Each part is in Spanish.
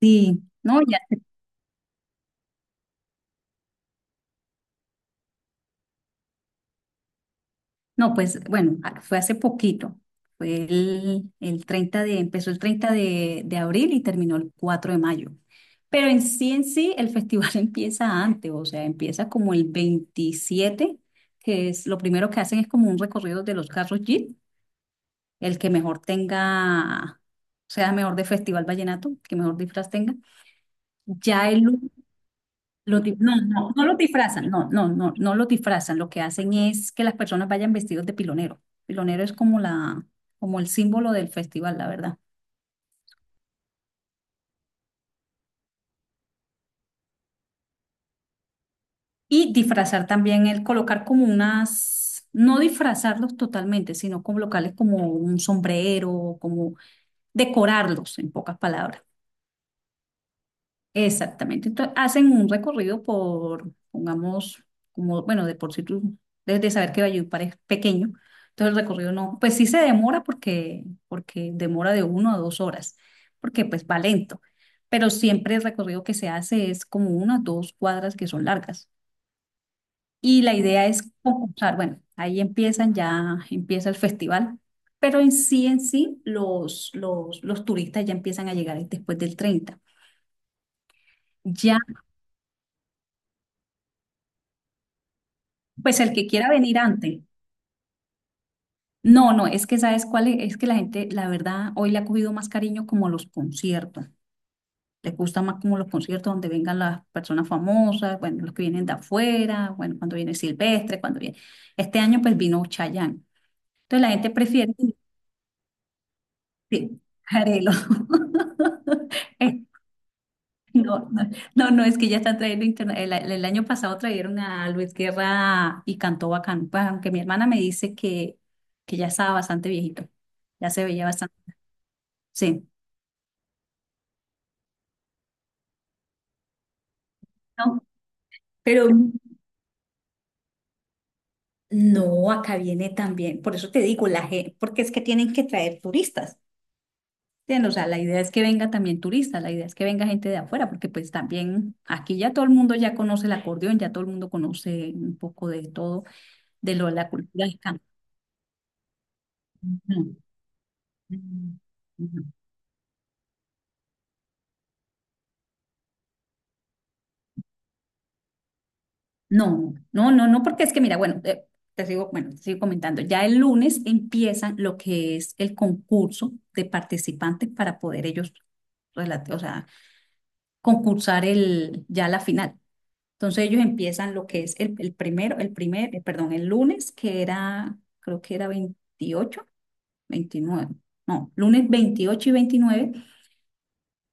Sí, no, ya, no, pues bueno, fue hace poquito, fue el 30 de, empezó el 30 de abril y terminó el 4 de mayo. Pero en sí, el festival empieza antes, o sea, empieza como el 27, que es lo primero que hacen es como un recorrido de los carros Jeep, el que mejor tenga, sea mejor de Festival Vallenato, que mejor disfraz tenga. Ya el no, no, no lo disfrazan, no, no, no, no lo disfrazan. Lo que hacen es que las personas vayan vestidos de pilonero. Pilonero es como la, como el símbolo del festival, la verdad. Y disfrazar también el colocar como unas, no disfrazarlos totalmente, sino colocarles como un sombrero, como decorarlos, en pocas palabras. Exactamente. Entonces, hacen un recorrido por, pongamos, como, bueno, de por sí tú debes de saber que Valledupar es pequeño, entonces el recorrido no, pues sí se demora porque, porque demora de uno a dos horas, porque pues va lento, pero siempre el recorrido que se hace es como unas dos cuadras que son largas. Y la idea es concursar, bueno, ahí empiezan ya, empieza el festival, pero en sí, los turistas ya empiezan a llegar después del treinta ya. Pues el que quiera venir antes. No, no, es que sabes cuál es que la gente, la verdad, hoy le ha cogido más cariño como los conciertos. Le gusta más como los conciertos donde vengan las personas famosas, bueno, los que vienen de afuera, bueno, cuando viene Silvestre, cuando viene. Este año pues vino Chayanne. Entonces la gente prefiere sí, Jarelo. No, no, no, no, es que ya están trayendo el año pasado trajeron a Luis Guerra y cantó bacán. Pues aunque mi hermana me dice que ya estaba bastante viejito, ya se veía bastante. Sí, no, pero no, acá viene también. Por eso te digo, la gente, porque es que tienen que traer turistas. ¿Entiendes? O sea, la idea es que venga también turistas, la idea es que venga gente de afuera, porque pues también aquí ya todo el mundo ya conoce el acordeón, ya todo el mundo conoce un poco de todo, de lo de la cultura del canto. Ujú. Ujú. No, no, no, no, porque es que mira, bueno, te sigo, bueno, te sigo comentando. Ya el lunes empiezan lo que es el concurso de participantes para poder ellos, o sea, concursar el, ya la final. Entonces ellos empiezan lo que es el primero, el primer, perdón, el lunes, que era, creo que era 28, 29, no, lunes 28 y 29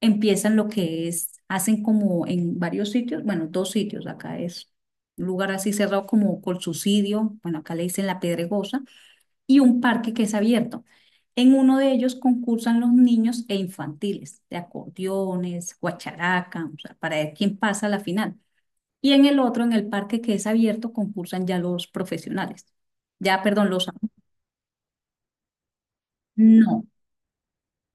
empiezan lo que es, hacen como en varios sitios, bueno, dos sitios, acá es un lugar así cerrado como Colsucidio, bueno, acá le dicen La Pedregosa, y un parque que es abierto. En uno de ellos concursan los niños e infantiles, de acordeones, guacharaca, o sea, para ver quién pasa a la final. Y en el otro, en el parque que es abierto, concursan ya los profesionales. Ya, perdón, los. No,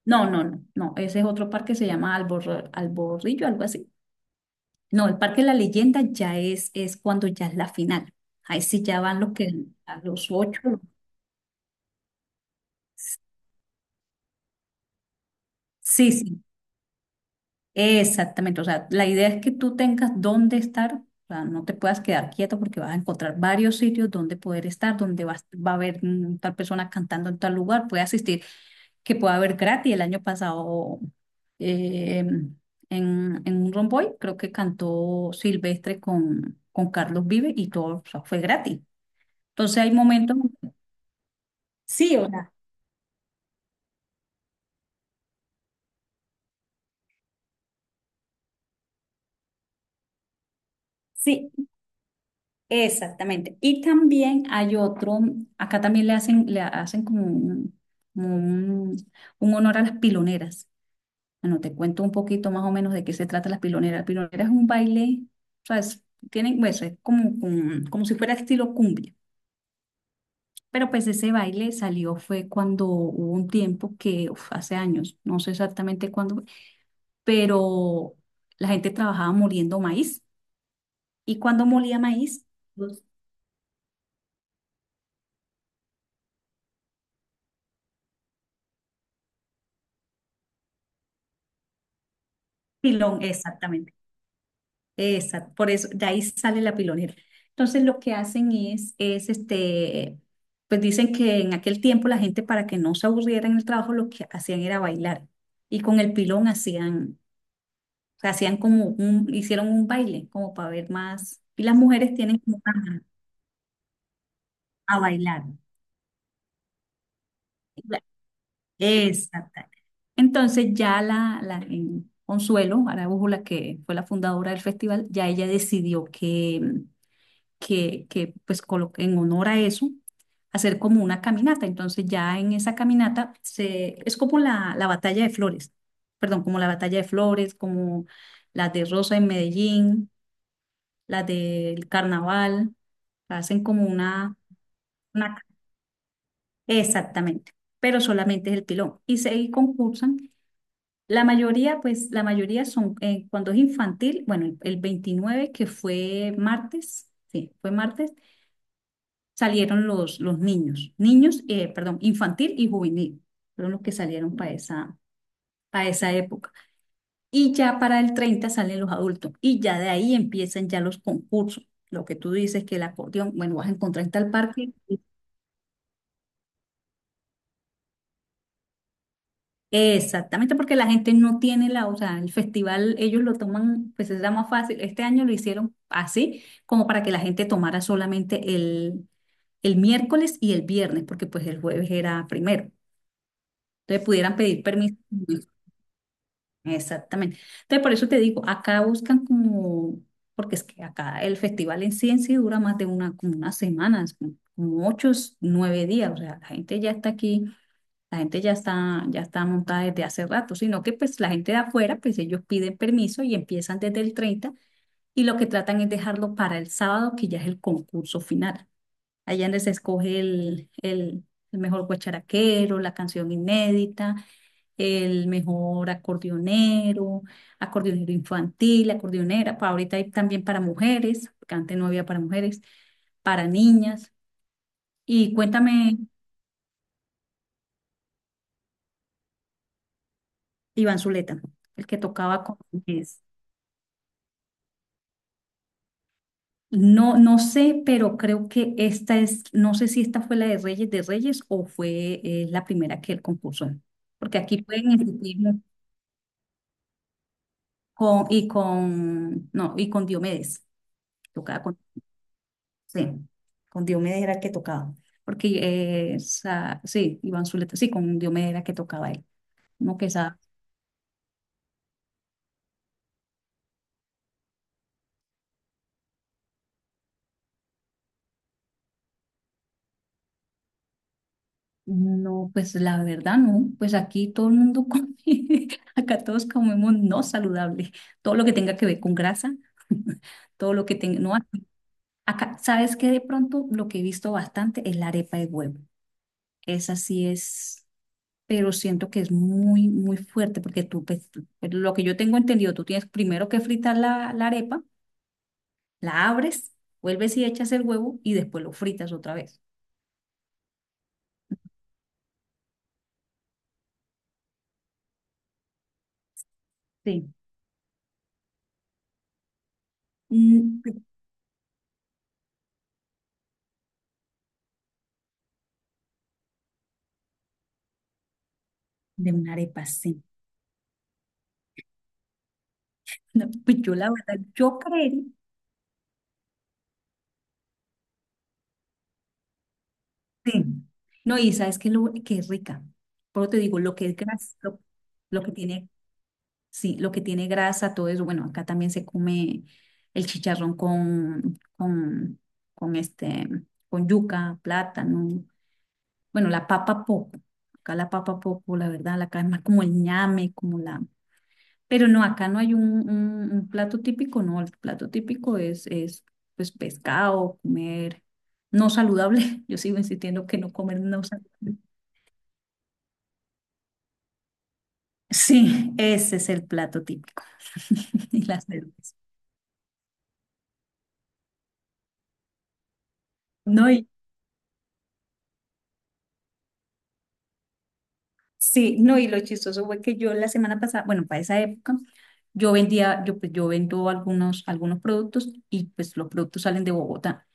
no, no, no, no. Ese es otro parque, se llama Albor, Alborrillo, algo así. No, el Parque de la Leyenda ya es cuando ya es la final. Ahí sí ya van los que a los ocho. Sí, sí, exactamente. O sea, la idea es que tú tengas dónde estar, o sea, no te puedas quedar quieto porque vas a encontrar varios sitios donde poder estar, donde vas, va a haber tal persona cantando en tal lugar, puede asistir, que pueda haber gratis. El año pasado eh, en, en un Romboy creo que cantó Silvestre con Carlos Vive y todo, o sea, fue gratis. Entonces hay momentos. Sí, o sea, sí, exactamente. Y también hay otro, acá también le hacen como un honor a las piloneras. Bueno, te cuento un poquito más o menos de qué se trata las piloneras. Piloneras es un baile, o sea, tienen, pues, es como, como, como si fuera estilo cumbia. Pero pues ese baile salió fue cuando hubo un tiempo que, hace años, no sé exactamente cuándo, pero la gente trabajaba moliendo maíz. Y cuando molía maíz, Pilón, exactamente. Exacto. Por eso, de ahí sale la pilonera. Entonces, lo que hacen es este, pues dicen que en aquel tiempo la gente para que no se aburriera en el trabajo, lo que hacían era bailar. Y con el pilón hacían, o sea, hacían como un, hicieron un baile, como para ver más. Y las mujeres tienen como a bailar. Exacto. Entonces, ya la en Consuelo Araújo, la que fue la fundadora del festival, ya ella decidió que, pues en honor a eso, hacer como una caminata. Entonces ya en esa caminata se, es como la batalla de flores, perdón, como la batalla de flores, como las de Rosa en Medellín, las del carnaval, hacen como una, una. Exactamente, pero solamente es el pilón. Y se y concursan. La mayoría, pues la mayoría son, cuando es infantil, bueno, el 29 que fue martes, sí, fue martes, salieron los niños, niños, perdón, infantil y juvenil, fueron los que salieron para esa época. Y ya para el 30 salen los adultos y ya de ahí empiezan ya los concursos. Lo que tú dices que el acordeón, bueno, vas a encontrar en tal parque. Exactamente, porque la gente no tiene la, o sea, el festival ellos lo toman, pues es la más fácil. Este año lo hicieron así, como para que la gente tomara solamente el miércoles y el viernes, porque pues el jueves era primero. Entonces pudieran pedir permiso. Exactamente. Entonces, por eso te digo, acá buscan como, porque es que acá el festival en sí dura más de una, como unas semanas, como como ocho, nueve días. O sea, la gente ya está aquí, la gente ya está montada desde hace rato, sino que pues la gente de afuera, pues ellos piden permiso y empiezan desde el 30 y lo que tratan es dejarlo para el sábado, que ya es el concurso final. Allá donde se escoge el mejor guacharaquero, la canción inédita el mejor acordeonero, acordeonero infantil, acordeonera, para ahorita hay también para mujeres, porque antes no había para mujeres, para niñas. Y cuéntame, Iván Zuleta, el que tocaba con es- No, no sé, pero creo que esta es, no sé si esta fue la de Reyes o fue la primera que él compuso, porque aquí pueden existir con, y con, no, y con Diomedes, tocaba con Sí, con Diomedes era que tocaba. Porque sí, Iván Zuleta, sí, con Diomedes era que tocaba él. No que esa, no, pues la verdad no, pues aquí todo el mundo come, acá todos comemos no saludable, todo lo que tenga que ver con grasa, todo lo que tenga, no, acá, ¿sabes qué? De pronto lo que he visto bastante es la arepa de huevo. Esa sí es, pero siento que es muy, muy fuerte porque tú, pues, pero lo que yo tengo entendido, tú tienes primero que fritar la la arepa la abres, vuelves y echas el huevo y después lo fritas otra vez. Sí. Mm, pues, de una arepa, sí. No, pues yo la verdad, yo creería, sí. No, y sabes que, que es rica. Pero te digo, lo que es grasa, lo que tiene, sí, lo que tiene grasa, todo eso. Bueno, acá también se come el chicharrón con este, con yuca, plátano. Bueno, la papa poco. Acá la papa poco, la verdad, la acá es más como el ñame, como la, pero no, acá no hay un, un plato típico, no, el plato típico es pues pescado, comer no saludable. Yo sigo insistiendo que no comer no saludable. Sí, ese es el plato típico. Y las cervezas. No, y, sí, no, y lo chistoso fue que yo la semana pasada, bueno, para esa época, yo vendía, yo, pues, yo vendo algunos productos y pues los productos salen de Bogotá.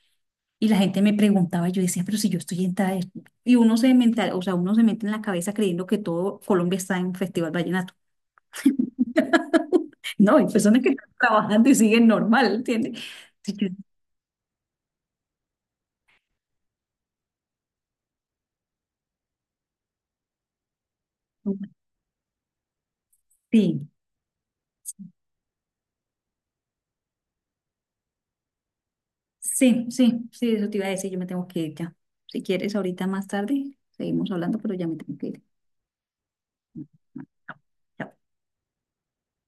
Y la gente me preguntaba, yo decía, pero si yo estoy en tal. Y uno se mental, o sea, uno se mete en la cabeza creyendo que todo Colombia está en Festival Vallenato. No, hay personas que están trabajando y siguen normal, ¿entiendes? Sí, sí, sí, sí, sí, eso te iba a decir, yo me tengo que ir ya. Si quieres, ahorita más tarde, seguimos hablando, pero ya me tengo que ir. Chao.